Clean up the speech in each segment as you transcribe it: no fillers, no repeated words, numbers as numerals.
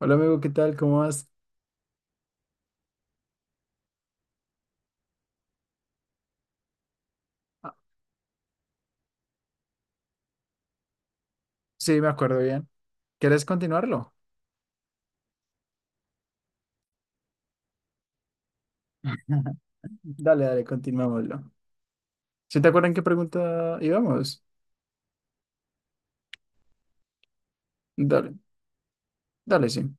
Hola amigo, ¿qué tal? ¿Cómo vas? Ah, sí, me acuerdo bien. ¿Quieres continuarlo? Dale, dale, continuámoslo. ¿Sí te acuerdan qué pregunta íbamos? Dale, dale, sí.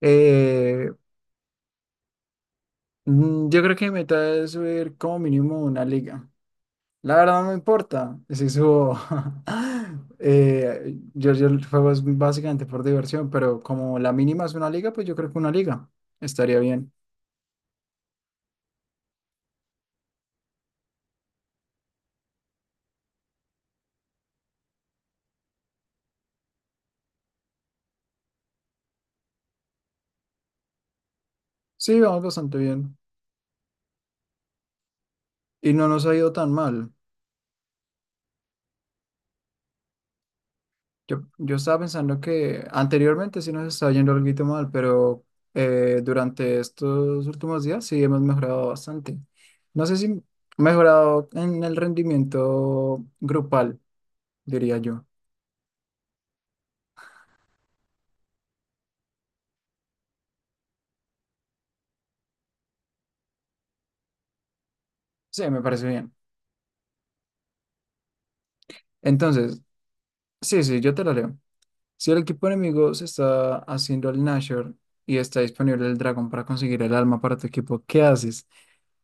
Eh, yo creo que mi meta es subir como mínimo una liga. La verdad no me importa si subo. Yo juego es básicamente por diversión, pero como la mínima es una liga, pues yo creo que una liga estaría bien. Sí, vamos bastante bien. Y no nos ha ido tan mal. Yo estaba pensando que anteriormente sí nos estaba yendo algo mal, pero durante estos últimos días sí hemos mejorado bastante. No sé si mejorado en el rendimiento grupal, diría yo. Sí, me parece bien. Entonces, sí, yo te lo leo. Si el equipo enemigo se está haciendo el Nashor y está disponible el dragón para conseguir el alma para tu equipo, ¿qué haces?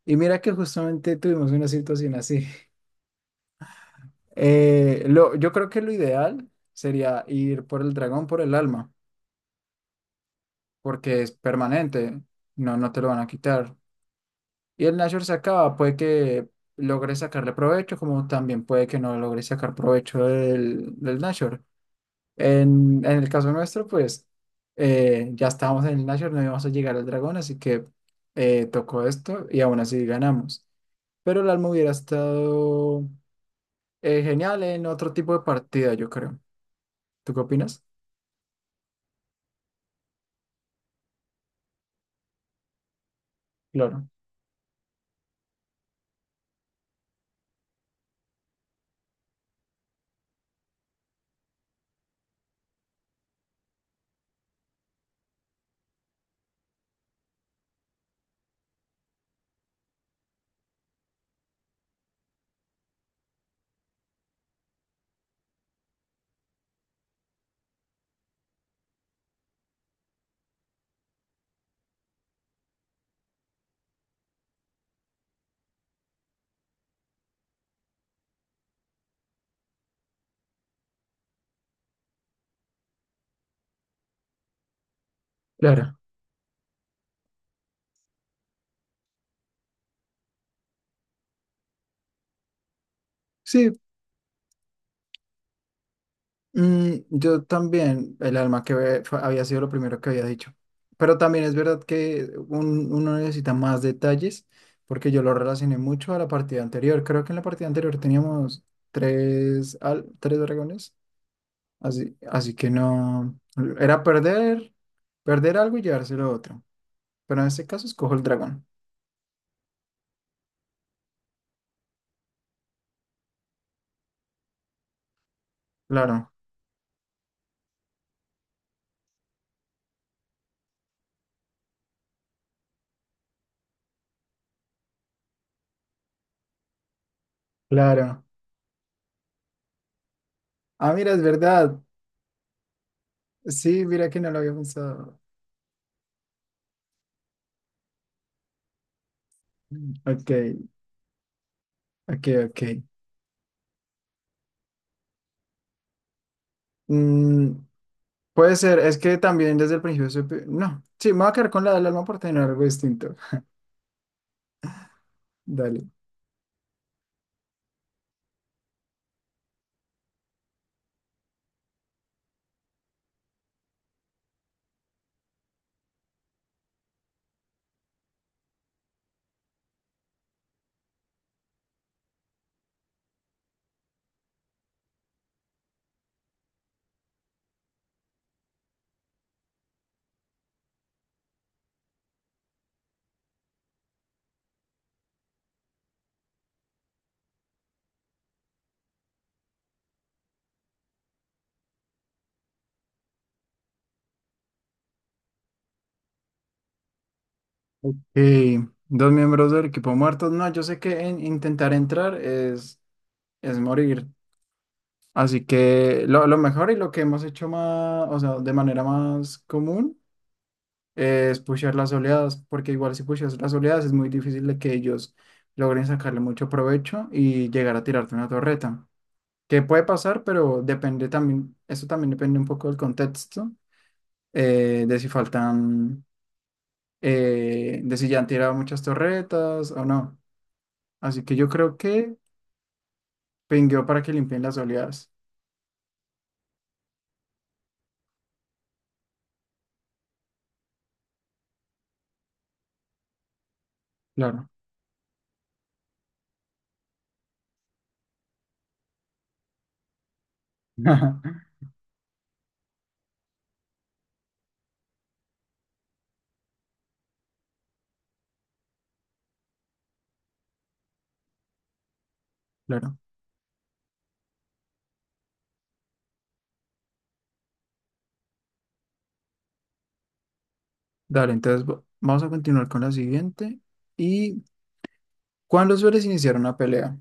Y mira que justamente tuvimos una situación así. Yo creo que lo ideal sería ir por el dragón, por el alma, porque es permanente, no te lo van a quitar. Y el Nashor se acaba, puede que logres sacarle provecho, como también puede que no logres sacar provecho del Nashor. En el caso nuestro, pues ya estábamos en el Nashor, no íbamos a llegar al dragón, así que tocó esto y aún así ganamos. Pero el alma hubiera estado genial en otro tipo de partida, yo creo. ¿Tú qué opinas? Claro, claro. Sí, yo también, el alma que había sido lo primero que había dicho. Pero también es verdad que uno necesita más detalles porque yo lo relacioné mucho a la partida anterior. Creo que en la partida anterior teníamos tres dragones, así que no, era perder, perder algo y llevárselo otro. Pero en este caso escojo el dragón. Claro, claro. Ah, mira, es verdad. Sí, mira que no lo había pensado. Ok, ok, ok. Mm, puede ser, es que también desde el principio no, sí, me voy a quedar con la del alma por tener algo distinto. Dale. Y dos miembros del equipo muertos. No, yo sé que intentar entrar es morir. Así que lo mejor y lo que hemos hecho más, o sea, de manera más común es pushear las oleadas, porque igual si pusheas las oleadas es muy difícil de que ellos logren sacarle mucho provecho y llegar a tirarte una torreta. Que puede pasar, pero depende también, eso también depende un poco del contexto, de si faltan, de si ya han tirado muchas torretas o no. Así que yo creo que pingueó para que limpien las oleadas. Claro, claro. Dale, entonces vamos a continuar con la siguiente. ¿Y cuándo sueles iniciar una pelea?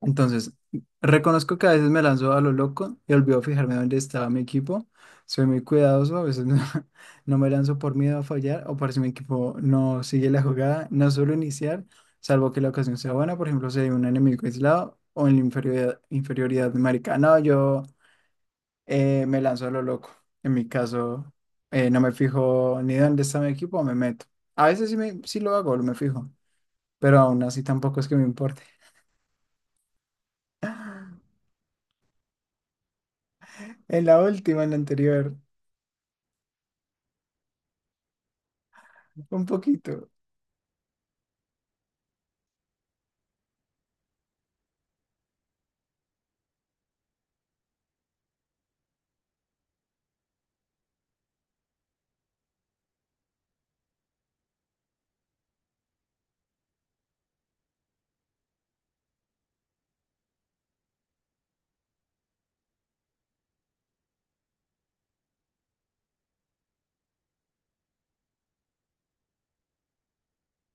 Entonces, reconozco que a veces me lanzo a lo loco y olvido fijarme dónde estaba mi equipo. Soy muy cuidadoso, a veces no, no me lanzo por miedo a fallar o por si mi equipo no sigue la jugada. No suelo iniciar, salvo que la ocasión sea buena, por ejemplo, si hay un enemigo aislado o en la inferioridad numérica. No, yo me lanzo a lo loco. En mi caso, no me fijo ni dónde está mi equipo, me meto. A veces sí, sí lo hago, me fijo, pero aún así tampoco es que me importe. En la última, en la anterior. Un poquito.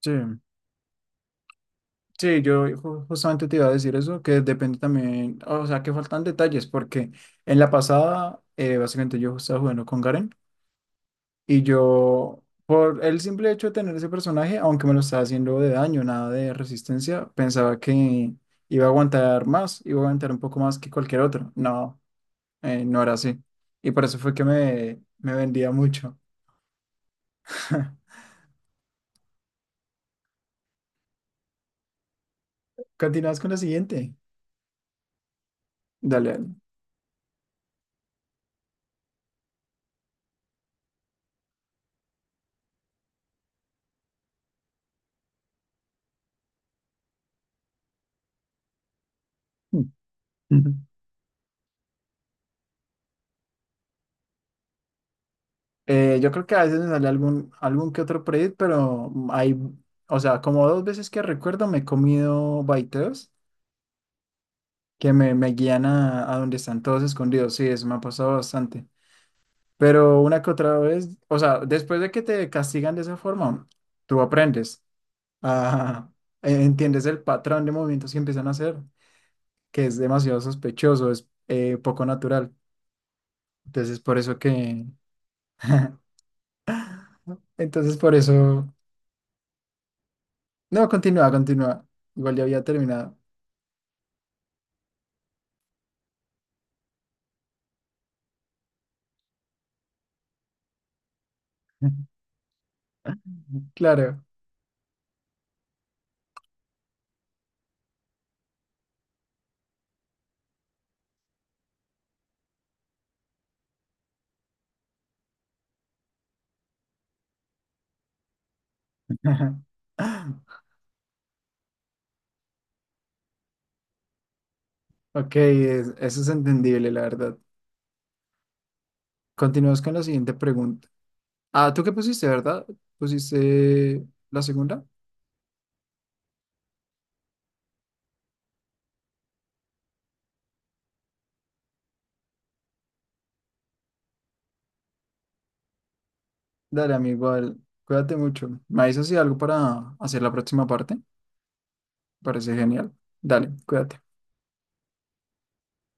Sí, sí, yo justamente te iba a decir eso, que depende también, o sea, que faltan detalles, porque en la pasada, básicamente yo estaba jugando con Garen y yo, por el simple hecho de tener ese personaje, aunque me lo estaba haciendo de daño, nada de resistencia, pensaba que iba a aguantar más, iba a aguantar un poco más que cualquier otro. No, no era así. Y por eso fue que me vendía mucho. Continúas con la siguiente. Dale, dale. Yo creo que a veces me sale algún que otro predit pero hay, o sea, como dos veces que recuerdo me he comido baiteos que me guían a donde están todos escondidos. Sí, eso me ha pasado bastante. Pero una que otra vez, o sea, después de que te castigan de esa forma, tú aprendes a, entiendes el patrón de movimientos que empiezan a hacer, que es demasiado sospechoso, es poco natural. Entonces, por eso que, entonces, por eso. No, continúa, continúa. Igual ya había terminado. Claro. Ok, eso es entendible, la verdad. Continuamos con la siguiente pregunta. Ah, ¿tú qué pusiste, verdad? ¿Pusiste la segunda? Dale, amigo, igual. Cuídate mucho. ¿Me avisas si hay algo para hacer la próxima parte? Parece genial. Dale, cuídate.